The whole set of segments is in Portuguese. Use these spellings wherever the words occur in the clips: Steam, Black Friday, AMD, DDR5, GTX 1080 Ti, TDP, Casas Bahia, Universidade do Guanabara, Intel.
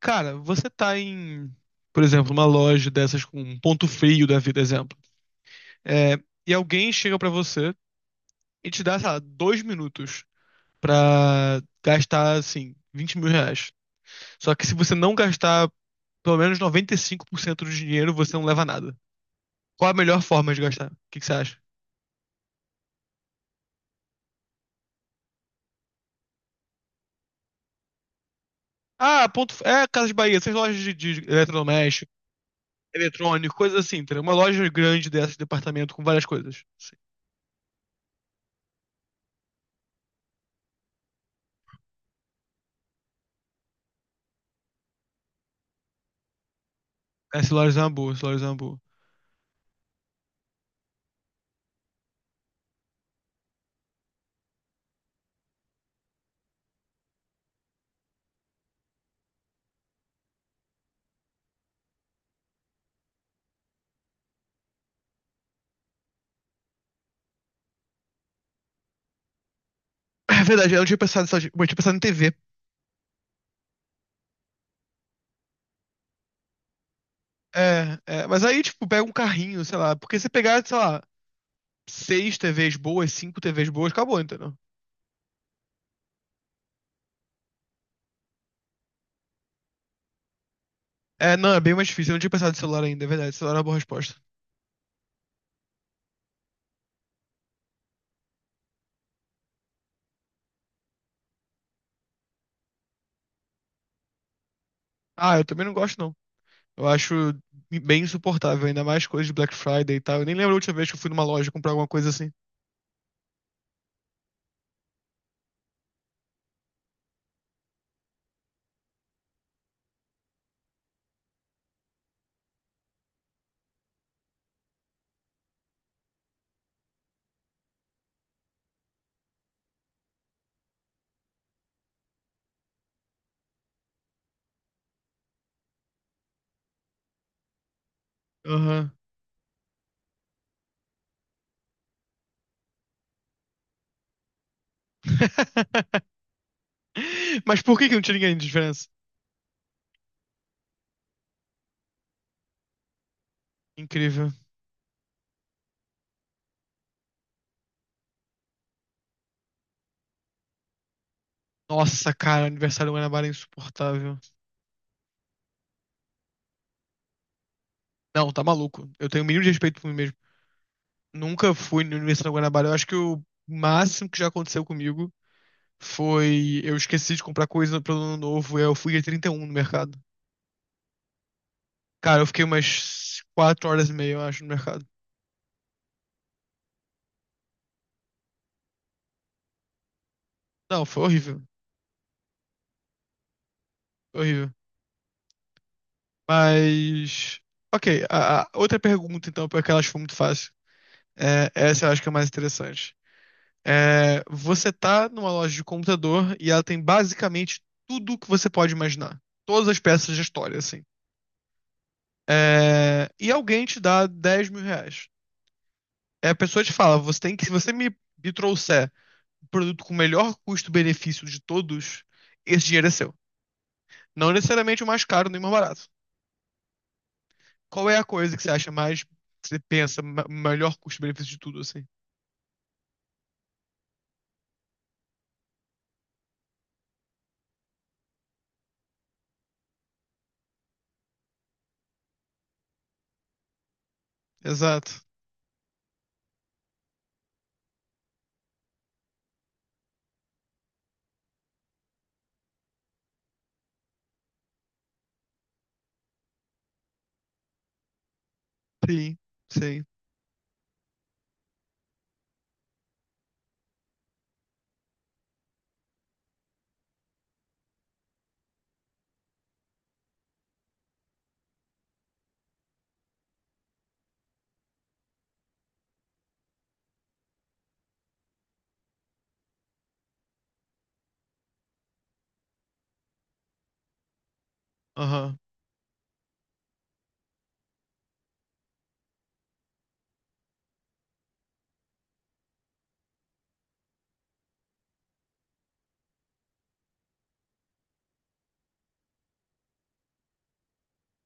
Cara, você tá em, por exemplo, uma loja dessas com um ponto frio da vida, exemplo. É, e alguém chega pra você e te dá, sei lá, 2 minutos pra gastar, assim, 20 mil reais. Só que se você não gastar pelo menos 95% do dinheiro, você não leva nada. Qual a melhor forma de gastar? O que que você acha? Ah, ponto, é Casas Bahia, essas lojas de eletrodoméstico, eletrônico, coisas assim, entendeu? Uma loja grande dessas, departamento com várias coisas. Essa loja é uma boa, essa loja é uma boa. É verdade, eu não tinha pensado, só, eu tinha pensado em TV. É, é, mas aí, tipo, pega um carrinho, sei lá. Porque se pegar, sei lá, seis TVs boas, cinco TVs boas, acabou, entendeu? É, não, é bem mais difícil. Eu não tinha pensado em celular ainda, é verdade. Celular é uma boa resposta. Ah, eu também não gosto, não. Eu acho bem insuportável, ainda mais coisas de Black Friday e tal. Eu nem lembro a última vez que eu fui numa loja comprar alguma coisa assim. Aham. Mas por que que não tinha ninguém de diferença? Incrível. Nossa, cara, aniversário do Guanabara é insuportável. Não, tá maluco. Eu tenho o mínimo de respeito por mim mesmo. Nunca fui na Universidade do Guanabara. Eu acho que o máximo que já aconteceu comigo foi eu esqueci de comprar coisa pro ano novo e eu fui dia 31 no mercado. Cara, eu fiquei umas 4 horas e meia, eu acho, no mercado. Não, foi horrível. Foi horrível. Mas. Ok, a outra pergunta, então, porque aquela acho que foi muito fácil. É, essa eu acho que é a mais interessante. É, você tá numa loja de computador e ela tem basicamente tudo que você pode imaginar. Todas as peças de história, assim. É, e alguém te dá R$ 10.000. É, a pessoa te fala, você tem que, se você me trouxer um produto com o melhor custo-benefício de todos, esse dinheiro é seu. Não necessariamente o mais caro nem o mais barato. Qual é a coisa que você acha mais, que você pensa, melhor custo-benefício de tudo, assim? Exato. Sim, sim. Aham.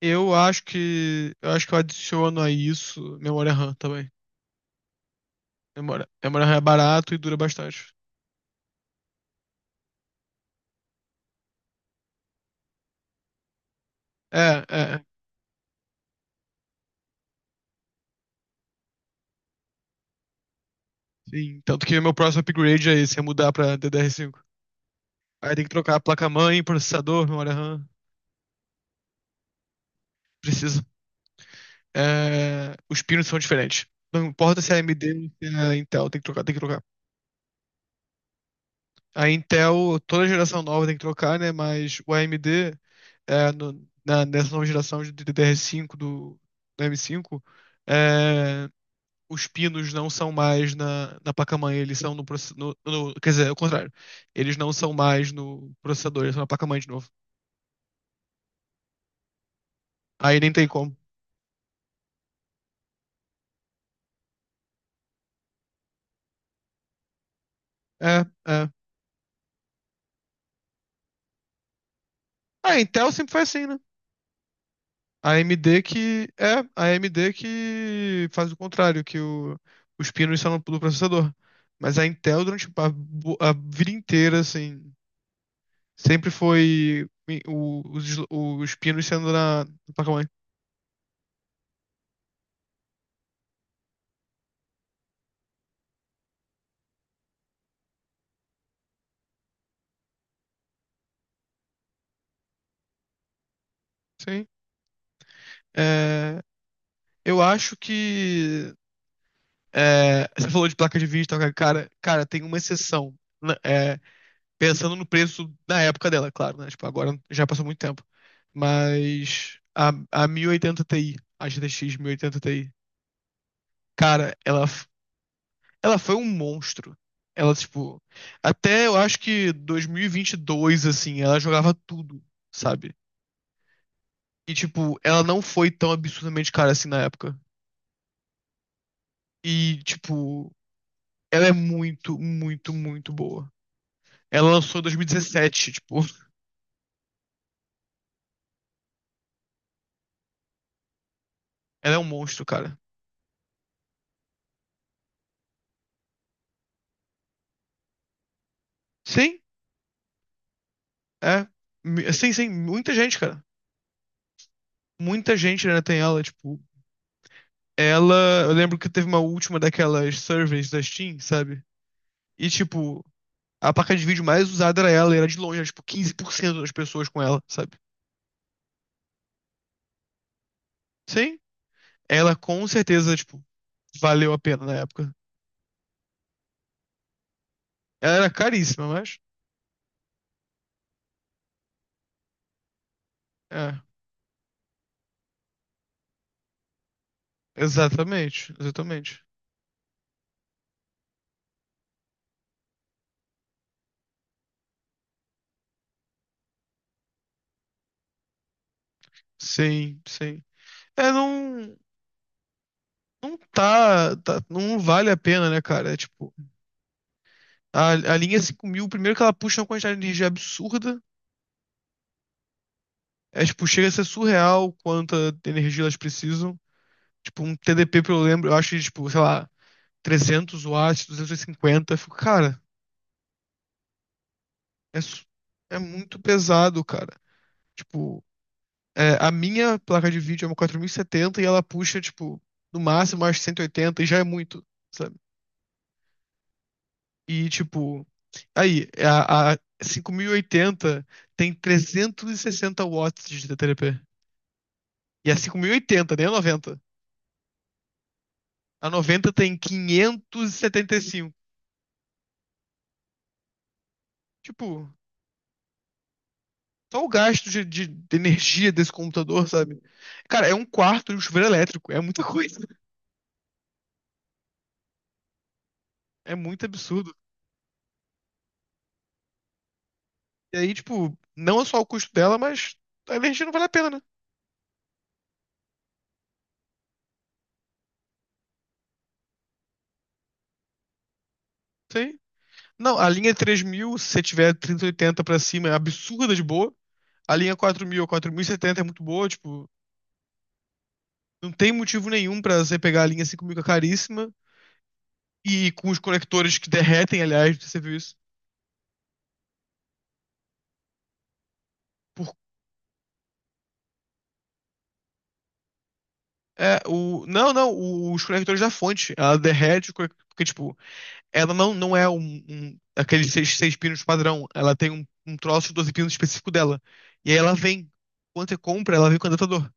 Eu acho que eu adiciono a isso memória RAM também. Memória RAM é barato e dura bastante. É, é, sim, tanto que meu próximo upgrade é esse, é mudar pra DDR5. Aí tem que trocar a placa-mãe, processador, memória RAM. Precisa. É, os pinos são diferentes. Não importa se é AMD ou se é Intel, tem que trocar, tem que trocar. A Intel, toda geração nova tem que trocar, né? Mas o AMD, é, nessa nova geração de DDR5 do M5, é, os pinos não são mais na placa-mãe, eles são quer dizer, é o contrário. Eles não são mais no processador, eles são na placa-mãe de novo. Aí nem tem como. É, é. A Intel sempre foi assim, né? A AMD que. É, a AMD que faz o contrário, que os pinos são do processador. Mas a Intel, durante a vida inteira, assim, sempre foi os, os pinos sendo na placa-mãe. Sim. É, eu acho que. É, você falou de placa de vídeo, e tal, cara, tem uma exceção. Né? É, pensando no preço da época dela, claro, né? Tipo, agora já passou muito tempo. Mas a 1080 Ti, a GTX 1080 Ti, cara, ela foi um monstro. Ela, tipo, até eu acho que 2022, assim, ela jogava tudo, sabe? E, tipo, ela não foi tão absurdamente cara assim na época. E, tipo, ela é muito, muito, muito boa. Ela lançou em 2017, tipo, ela é um monstro, cara. Sim, é, sim, sim, muita gente, cara. Muita gente ainda tem ela, tipo, ela, eu lembro que teve uma última daquelas surveys da Steam, sabe? E tipo, a placa de vídeo mais usada era ela, e era de longe, era, tipo, 15% das pessoas com ela, sabe? Sim, ela com certeza, tipo, valeu a pena na época. Ela era caríssima, mas é, exatamente, exatamente. Sim, sim. É, não não tá, tá não vale a pena, né, cara? É tipo a linha 5.000 primeiro que ela puxa é uma quantidade de energia absurda. É, tipo, chega a ser surreal quanta energia elas precisam. Tipo, um TDP, pelo lembro, eu acho que, tipo, sei lá, 300 watts, 250. Eu fico, cara, é, su- é muito pesado, cara. Tipo, é, a minha placa de vídeo é uma 4070 e ela puxa, tipo, no máximo acho 180 e já é muito, sabe? E, tipo, aí, é a 5.080 tem 360 watts de TDP. E a 5.080, nem a 90. A 90 tem 575. Tipo, só o gasto de energia desse computador, sabe? Cara, é um quarto de um chuveiro elétrico. É muita coisa. É muito absurdo. E aí, tipo, não é só o custo dela, mas a energia não vale a pena, né? Isso aí. Não, a linha é 3.000 se você tiver 3080 pra cima, é absurda de boa. A linha é 4.000 ou 4.070 é muito boa, tipo, não tem motivo nenhum pra você pegar a linha 5.000 que é caríssima e com os conectores que derretem, aliás, você viu isso, por é, não, não, os conectores da fonte. Ela derrete, porque, tipo, ela não, não é aqueles seis, seis pinos padrão. Ela tem um troço de 12 pinos específico dela. E aí ela vem. Quando você compra, ela vem com o adaptador.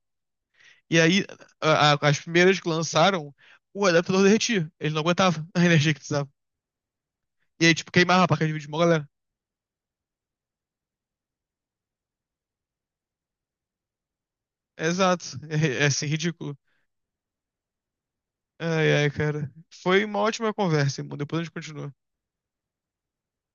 E aí, as primeiras que lançaram, o adaptador derretia. Ele não aguentava a energia que precisava. E aí, tipo, queimava a placa de vídeo de uma galera. Exato. É, é, assim, ridículo. Ai, ai, cara. Foi uma ótima conversa, irmão. Depois a gente continua.